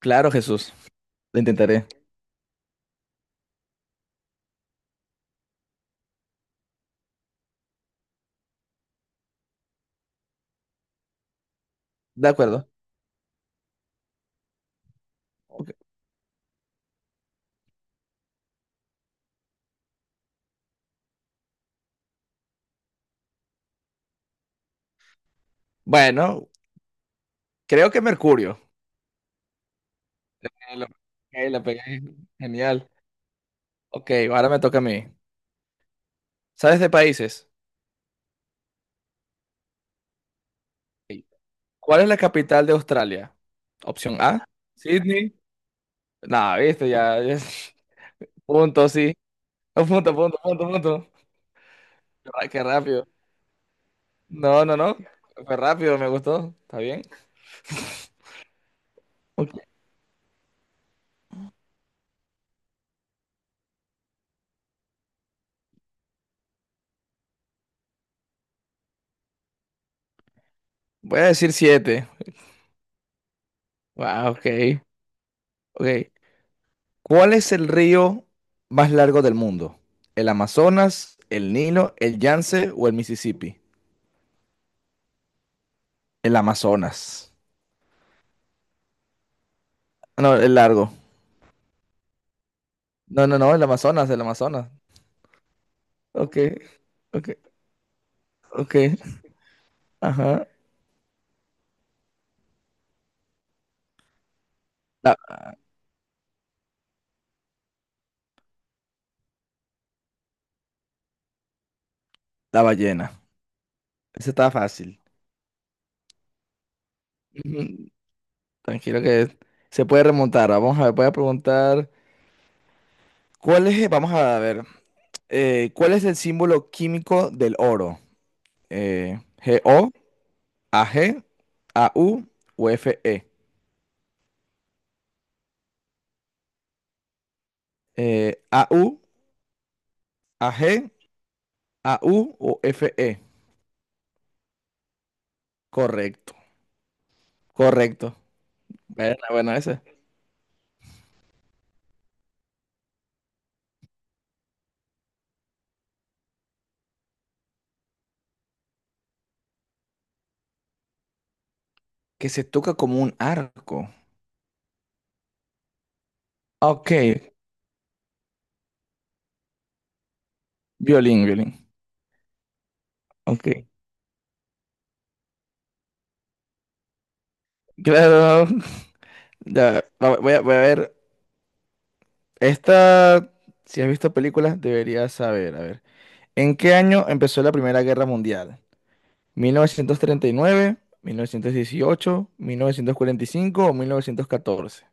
Claro, Jesús, lo intentaré. De acuerdo. Ok. Bueno, creo que Mercurio. Ahí la ahí la pegué. Genial. Ok, ahora me toca a mí. ¿Sabes de países? Ok. ¿Cuál es la capital de Australia? Opción A, Sydney. No, viste, ya, ya. Punto, sí. No, Punto, punto, punto, punto. Qué rápido. No, no, no. Fue rápido, me gustó. ¿Está bien? Ok. Voy a decir 7. Wow, ok. Ok. ¿Cuál es el río más largo del mundo? ¿El Amazonas, el Nilo, el Yance o el Mississippi? El Amazonas. No, el largo. No, no, no, el Amazonas, el Amazonas. Ok, ok, ok. Ajá. La, la ballena. Ese está fácil. Ujú. Tranquilo que se puede remontar. Vamos a ver, voy a preguntar. ¿Cuál es, vamos a ver, ¿cuál es el símbolo químico del oro? Eh, ¿GO, AG, U o FE? AU, AG, AU o FE. Correcto, correcto. Bueno, bueno, ese. ¿Que se toca como un arco? Ok, violín, violín. Ok. Claro. Ya, voy a, voy a ver. Esta, si has visto películas, deberías saber. A ver. ¿En qué año empezó la Primera Guerra Mundial? ¿1939, 1918, 1945 o 1914?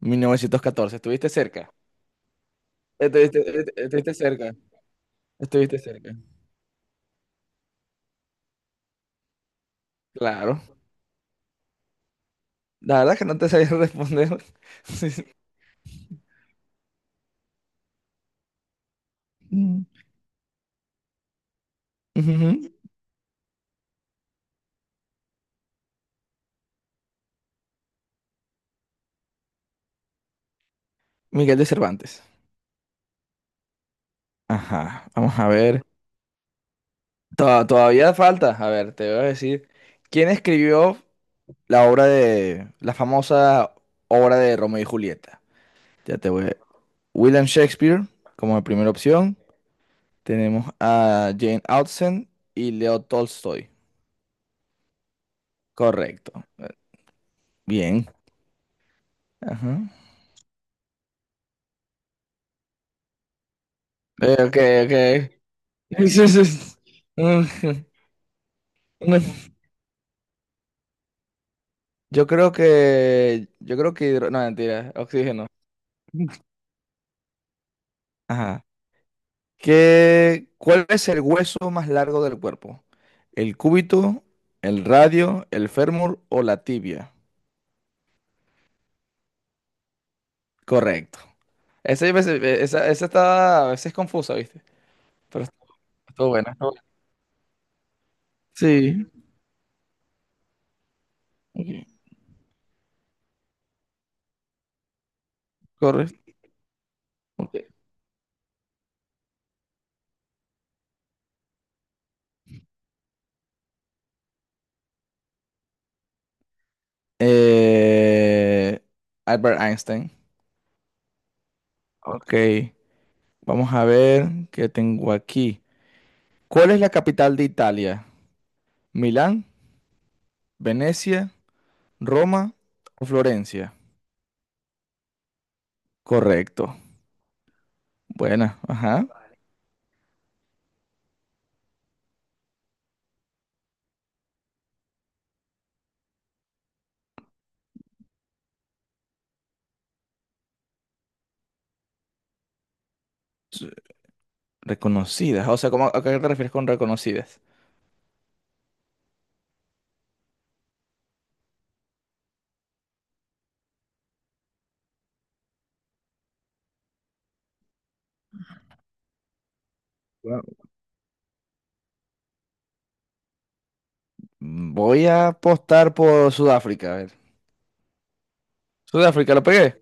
1914. ¿Estuviste cerca? Estuviste- estuviste cerca. Estuviste cerca. Claro. La verdad es que no te sabía responder. Sí, sí. Mm. Ujú. Miguel de Cervantes. Ajá. Vamos a ver. Todavía falta. A ver, te voy a decir. ¿Quién escribió la obra de la famosa obra de Romeo y Julieta? Ya te voy a William Shakespeare como primera opción. Tenemos a Jane Austen y Leo Tolstoy. Correcto. Bien. Ajá. Ok, ok. Sí, sí, sí. Bueno, yo creo que, hidro- no, mentira, oxígeno. Ajá. ¿Cuál es el hueso más largo del cuerpo? ¿El cúbito, el radio, el fémur o la tibia? Correcto. Esa, esa, esa está a veces confusa, ¿viste? Pero estuvo buena, estuvo buena. Sí, ok. Correcto. Ok. Eh, Albert Einstein. Ok. Vamos a ver qué tengo aquí. ¿Cuál es la capital de Italia? ¿Milán, Venecia, Roma o Florencia? Correcto. Buena, ajá. Reconocidas. O sea, ¿a qué te refieres con reconocidas? Bueno, mm, voy a apostar por Sudáfrica. A ver. Sudáfrica, ¿lo pegué?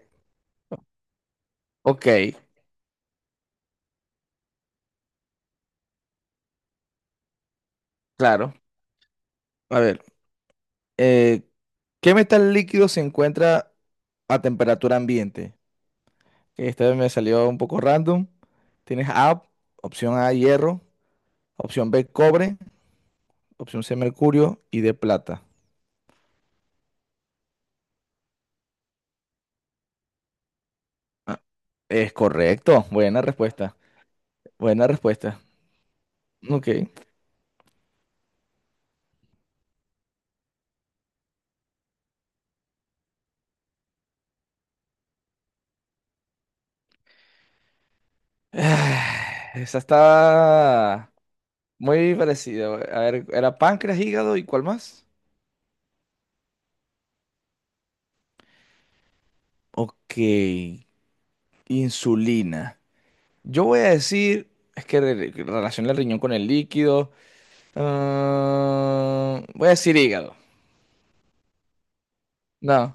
Ok, claro. A ver, eh, ¿qué metal líquido se encuentra a temperatura ambiente? Esta vez me salió un poco random. Tienes A, opción A, hierro, opción B, cobre, opción C, mercurio y D, plata. Es correcto, buena respuesta, buena respuesta. Ok. Ah, esa está muy parecida. A ver, era páncreas, hígado y ¿cuál más? Ok, insulina. Yo voy a decir, es que relaciona el riñón con el líquido. Ah, voy a decir hígado. No,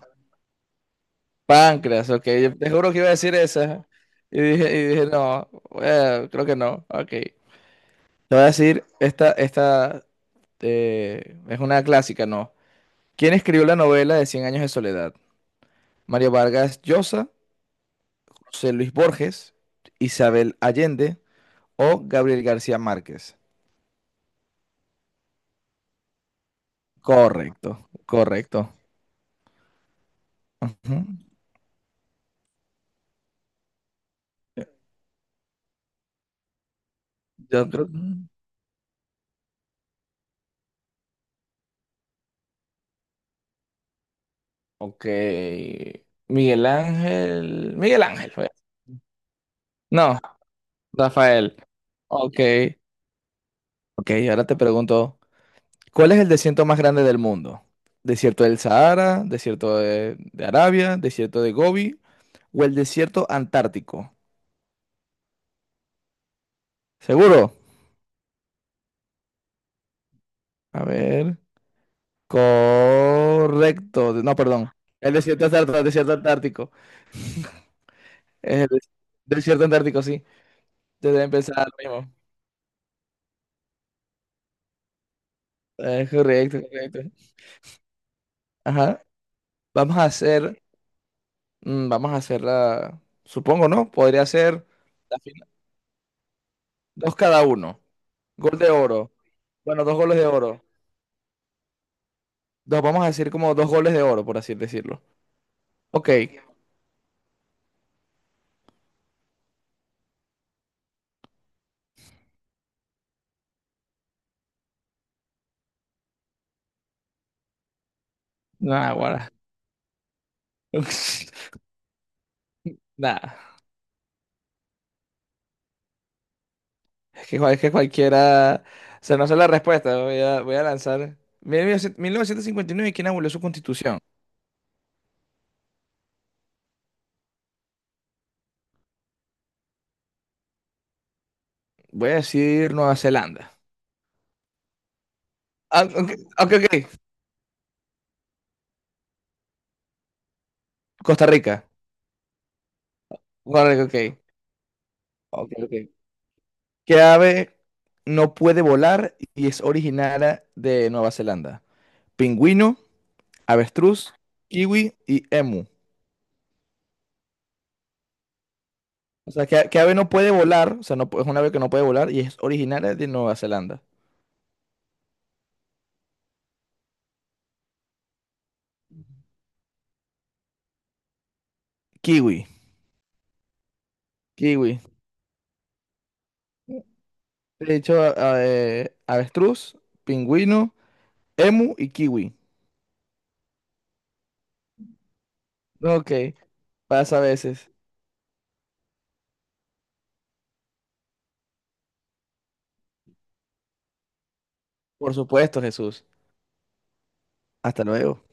páncreas, ok. Yo te juro que iba a decir esa. Y dije no, bueno, creo que no, ok. Te voy a decir, esta es una clásica, ¿no? ¿Quién escribió la novela de Cien años de soledad? ¿Mario Vargas Llosa, José Luis Borges, Isabel Allende o Gabriel García Márquez? Correcto, correcto. Ujú. Yo creo. Ok. Miguel Ángel. Miguel Ángel fue. No, Rafael. Ok. Ok, ahora te pregunto, ¿cuál es el desierto más grande del mundo? ¿Desierto del Sahara, desierto de Arabia, desierto de Gobi o el desierto antártico? ¿Seguro? A ver. Correcto. No, perdón. El desierto antártico, el desierto antártico. Es el desierto antártico, sí. Debe empezar lo mismo. Correcto, correcto. Ajá. Vamos a hacer, mm, vamos a hacer la, supongo, ¿no? Podría ser la final. Dos cada uno. Gol de oro. Bueno, dos goles de oro. Dos, vamos a decir como dos goles de oro, por así decirlo. Ok, nada, guara. Nada, es que cualquiera. O sea, no sé la respuesta, voy a, voy a lanzar. 1959, ¿quién abolió su constitución? Voy a decir Nueva Zelanda. Ah, ok, ok, ok. Costa Rica. Costa Rica, ok. Ok, ok. ¿Qué ave no puede volar y es originaria de Nueva Zelanda? Pingüino, avestruz, kiwi y emu. O sea, ¿qué ave no puede volar? O sea, no, es una ave que no puede volar y es originaria de Nueva Zelanda. Kiwi. Kiwi. De hecho, avestruz, pingüino, emu y kiwi. Ok, pasa a veces. Por supuesto, Jesús. Hasta luego.